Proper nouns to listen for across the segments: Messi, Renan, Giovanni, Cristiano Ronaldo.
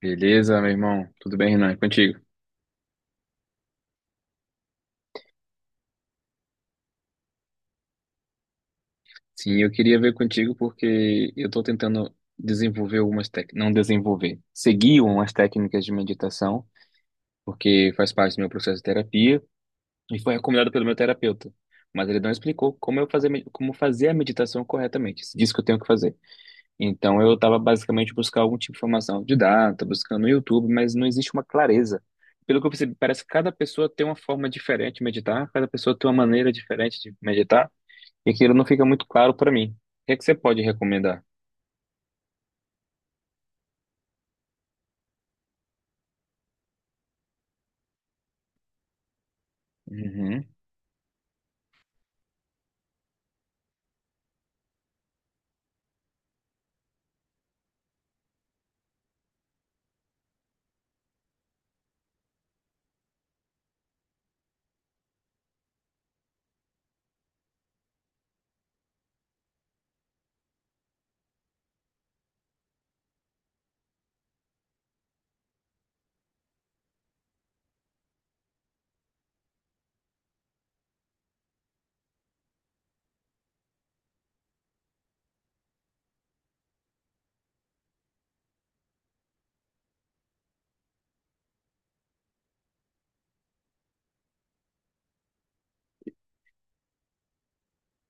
Beleza, meu irmão? Tudo bem, Renan? E contigo? Sim, eu queria ver contigo porque eu estou tentando desenvolver algumas técnicas, não desenvolver, seguir umas técnicas de meditação, porque faz parte do meu processo de terapia e foi recomendado pelo meu terapeuta. Mas ele não explicou como eu fazer, como fazer a meditação corretamente. Disse que eu tenho que fazer. Então eu estava basicamente buscando algum tipo de informação didata, buscando no YouTube, mas não existe uma clareza. Pelo que eu percebi, parece que cada pessoa tem uma forma diferente de meditar, cada pessoa tem uma maneira diferente de meditar. E aquilo não fica muito claro para mim. O que é que você pode recomendar? Uhum.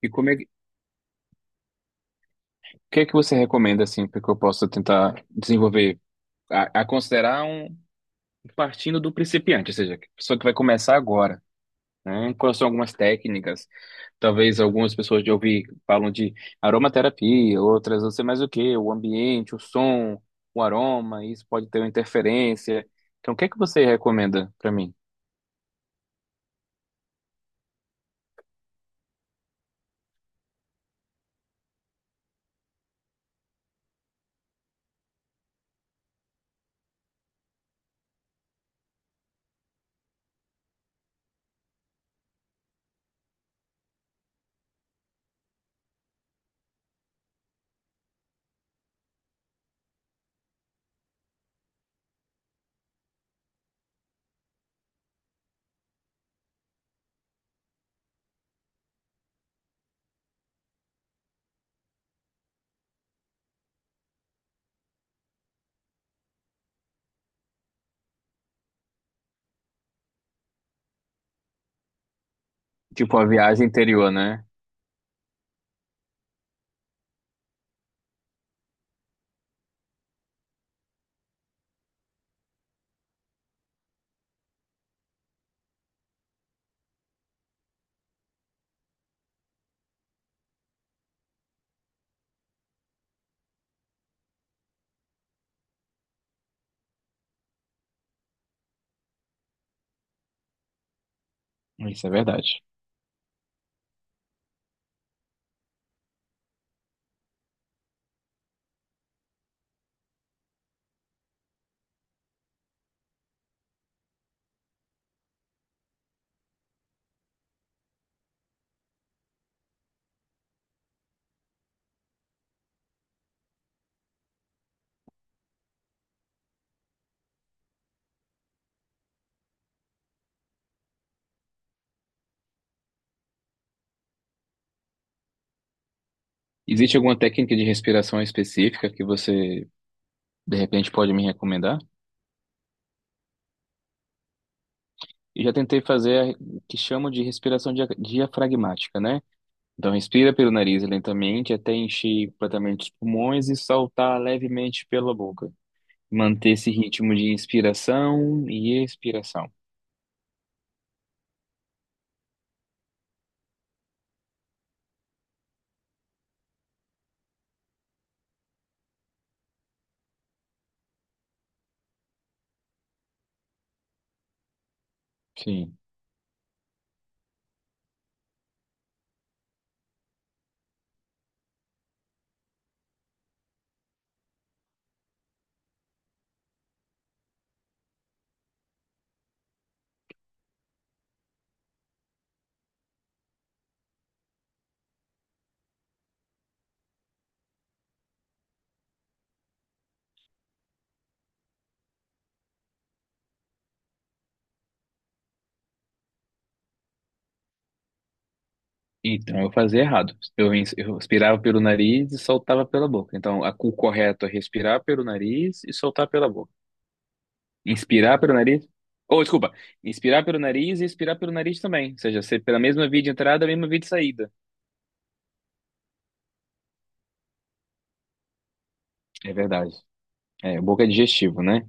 E como é que, o que é que você recomenda assim para que eu possa tentar desenvolver a considerar um partindo do principiante, ou seja, a pessoa que vai começar agora, né? Quais são algumas técnicas? Talvez algumas pessoas de ouvir falam de aromaterapia, outras não sei mais o que, o ambiente, o som, o aroma, isso pode ter uma interferência. Então, o que é que você recomenda para mim? Tipo a viagem interior, né? Isso é verdade. Existe alguma técnica de respiração específica que você, de repente, pode me recomendar? Eu já tentei fazer a que chamam de respiração diafragmática, né? Então, respira pelo nariz lentamente até encher completamente os pulmões e soltar levemente pela boca. Manter esse ritmo de inspiração e expiração. Sim. Então, eu fazia errado. Eu, eu expirava pelo nariz e soltava pela boca. Então, a, o correto é respirar pelo nariz e soltar pela boca. Inspirar pelo nariz? Ou, desculpa, inspirar pelo nariz e expirar pelo nariz também. Ou seja, ser pela mesma via de entrada, a mesma via de saída. É verdade. É, boca é digestivo, né?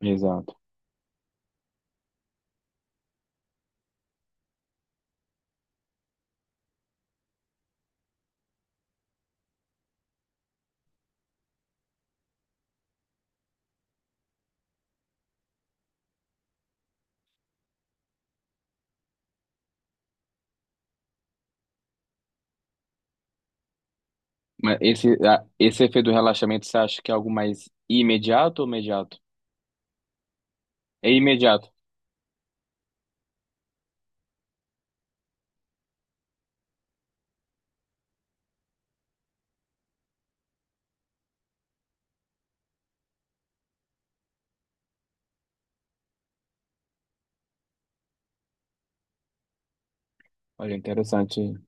Exato. Mas esse, esse efeito do relaxamento, você acha que é algo mais imediato ou imediato? É imediato. Olha, interessante.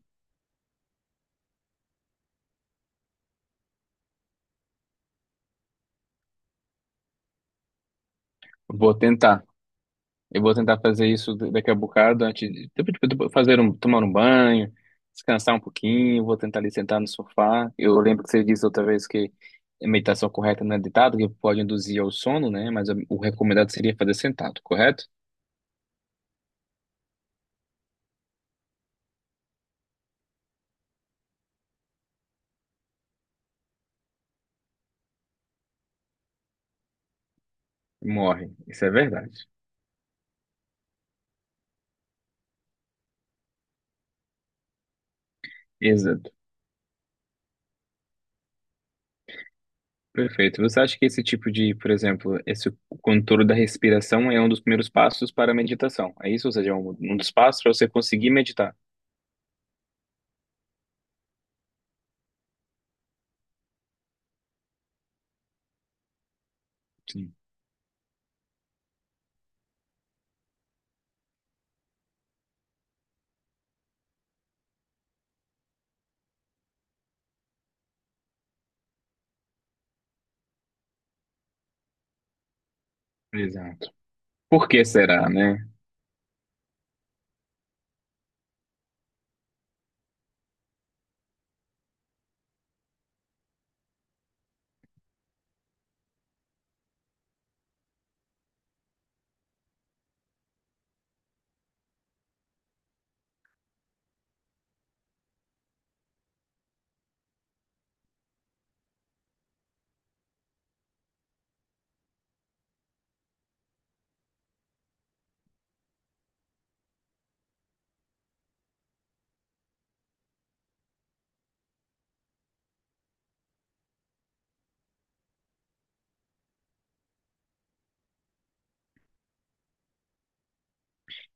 Vou tentar. Eu vou tentar fazer isso daqui a bocado, antes de tipo, fazer um, tomar um banho, descansar um pouquinho, vou tentar ali sentar no sofá. Eu lembro que você disse outra vez que a meditação correta não é deitada, que pode induzir ao sono, né? Mas o recomendado seria fazer sentado, correto? Morre. Isso é verdade. Exato. Perfeito. Você acha que esse tipo de, por exemplo, esse controle da respiração é um dos primeiros passos para a meditação? É isso? Ou seja, é um, um dos passos para você conseguir meditar? Sim. Exato. Por que será, né?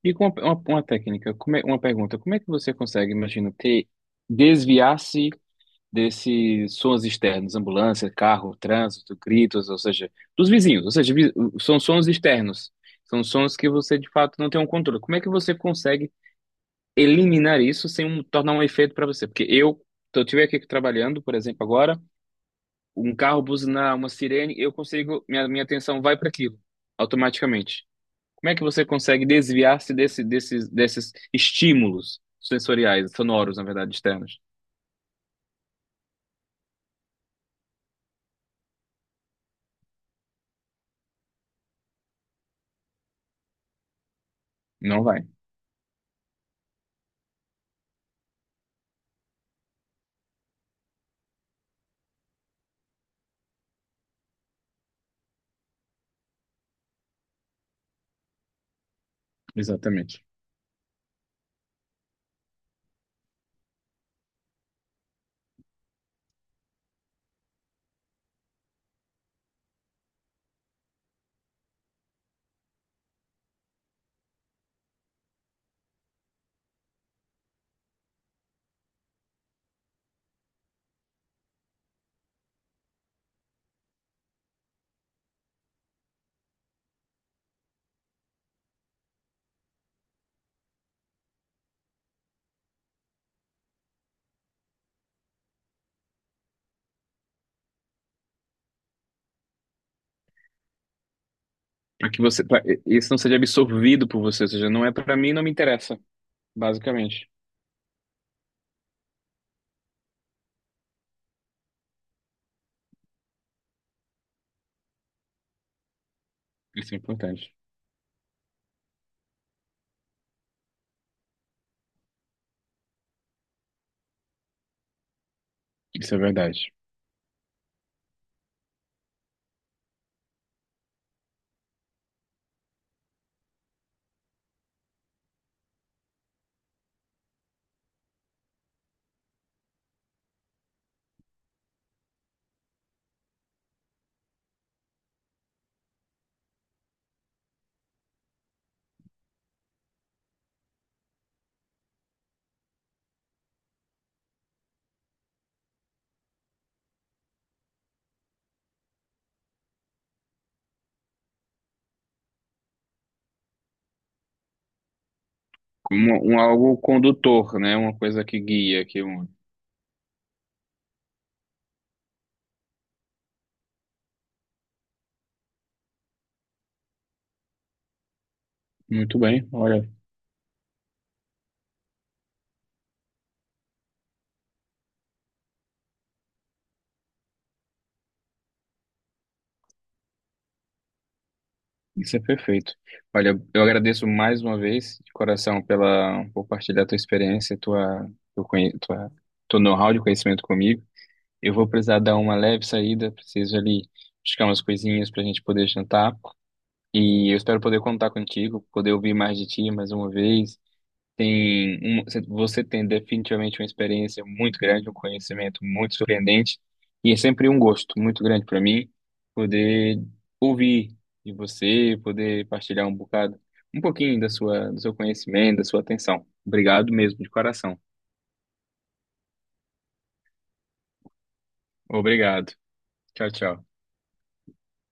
E com uma técnica, como é, uma pergunta, como é que você consegue, imagina, ter, desviar-se desses sons externos, ambulância, carro, trânsito, gritos, ou seja, dos vizinhos, ou seja, são sons externos, são sons que você de fato não tem um controle. Como é que você consegue eliminar isso sem tornar um efeito para você? Porque eu estiver aqui trabalhando, por exemplo, agora, um carro buzinar, uma sirene, eu consigo, minha atenção vai para aquilo, automaticamente. Como é que você consegue desviar-se desse, desses, desses estímulos sensoriais, sonoros, na verdade, externos? Não vai, exatamente. Para que você, pra, isso não seja absorvido por você, ou seja, não é para mim, não me interessa, basicamente. Isso é importante. Isso é verdade. Como um, algo condutor, né? Uma coisa que guia, que une. Muito bem, olha, isso é perfeito. Olha, eu agradeço mais uma vez, de coração, pela por compartilhar tua experiência, tua, teu, tua, teu know-how de conhecimento comigo. Eu vou precisar dar uma leve saída, preciso ali buscar umas coisinhas para a gente poder jantar. E eu espero poder contar contigo, poder ouvir mais de ti mais uma vez. Tem um, você tem definitivamente uma experiência muito grande, um conhecimento muito surpreendente. E é sempre um gosto muito grande para mim poder ouvir de você, poder partilhar um bocado, um pouquinho da sua, do seu conhecimento, da sua atenção. Obrigado mesmo, de coração. Obrigado. Tchau, tchau.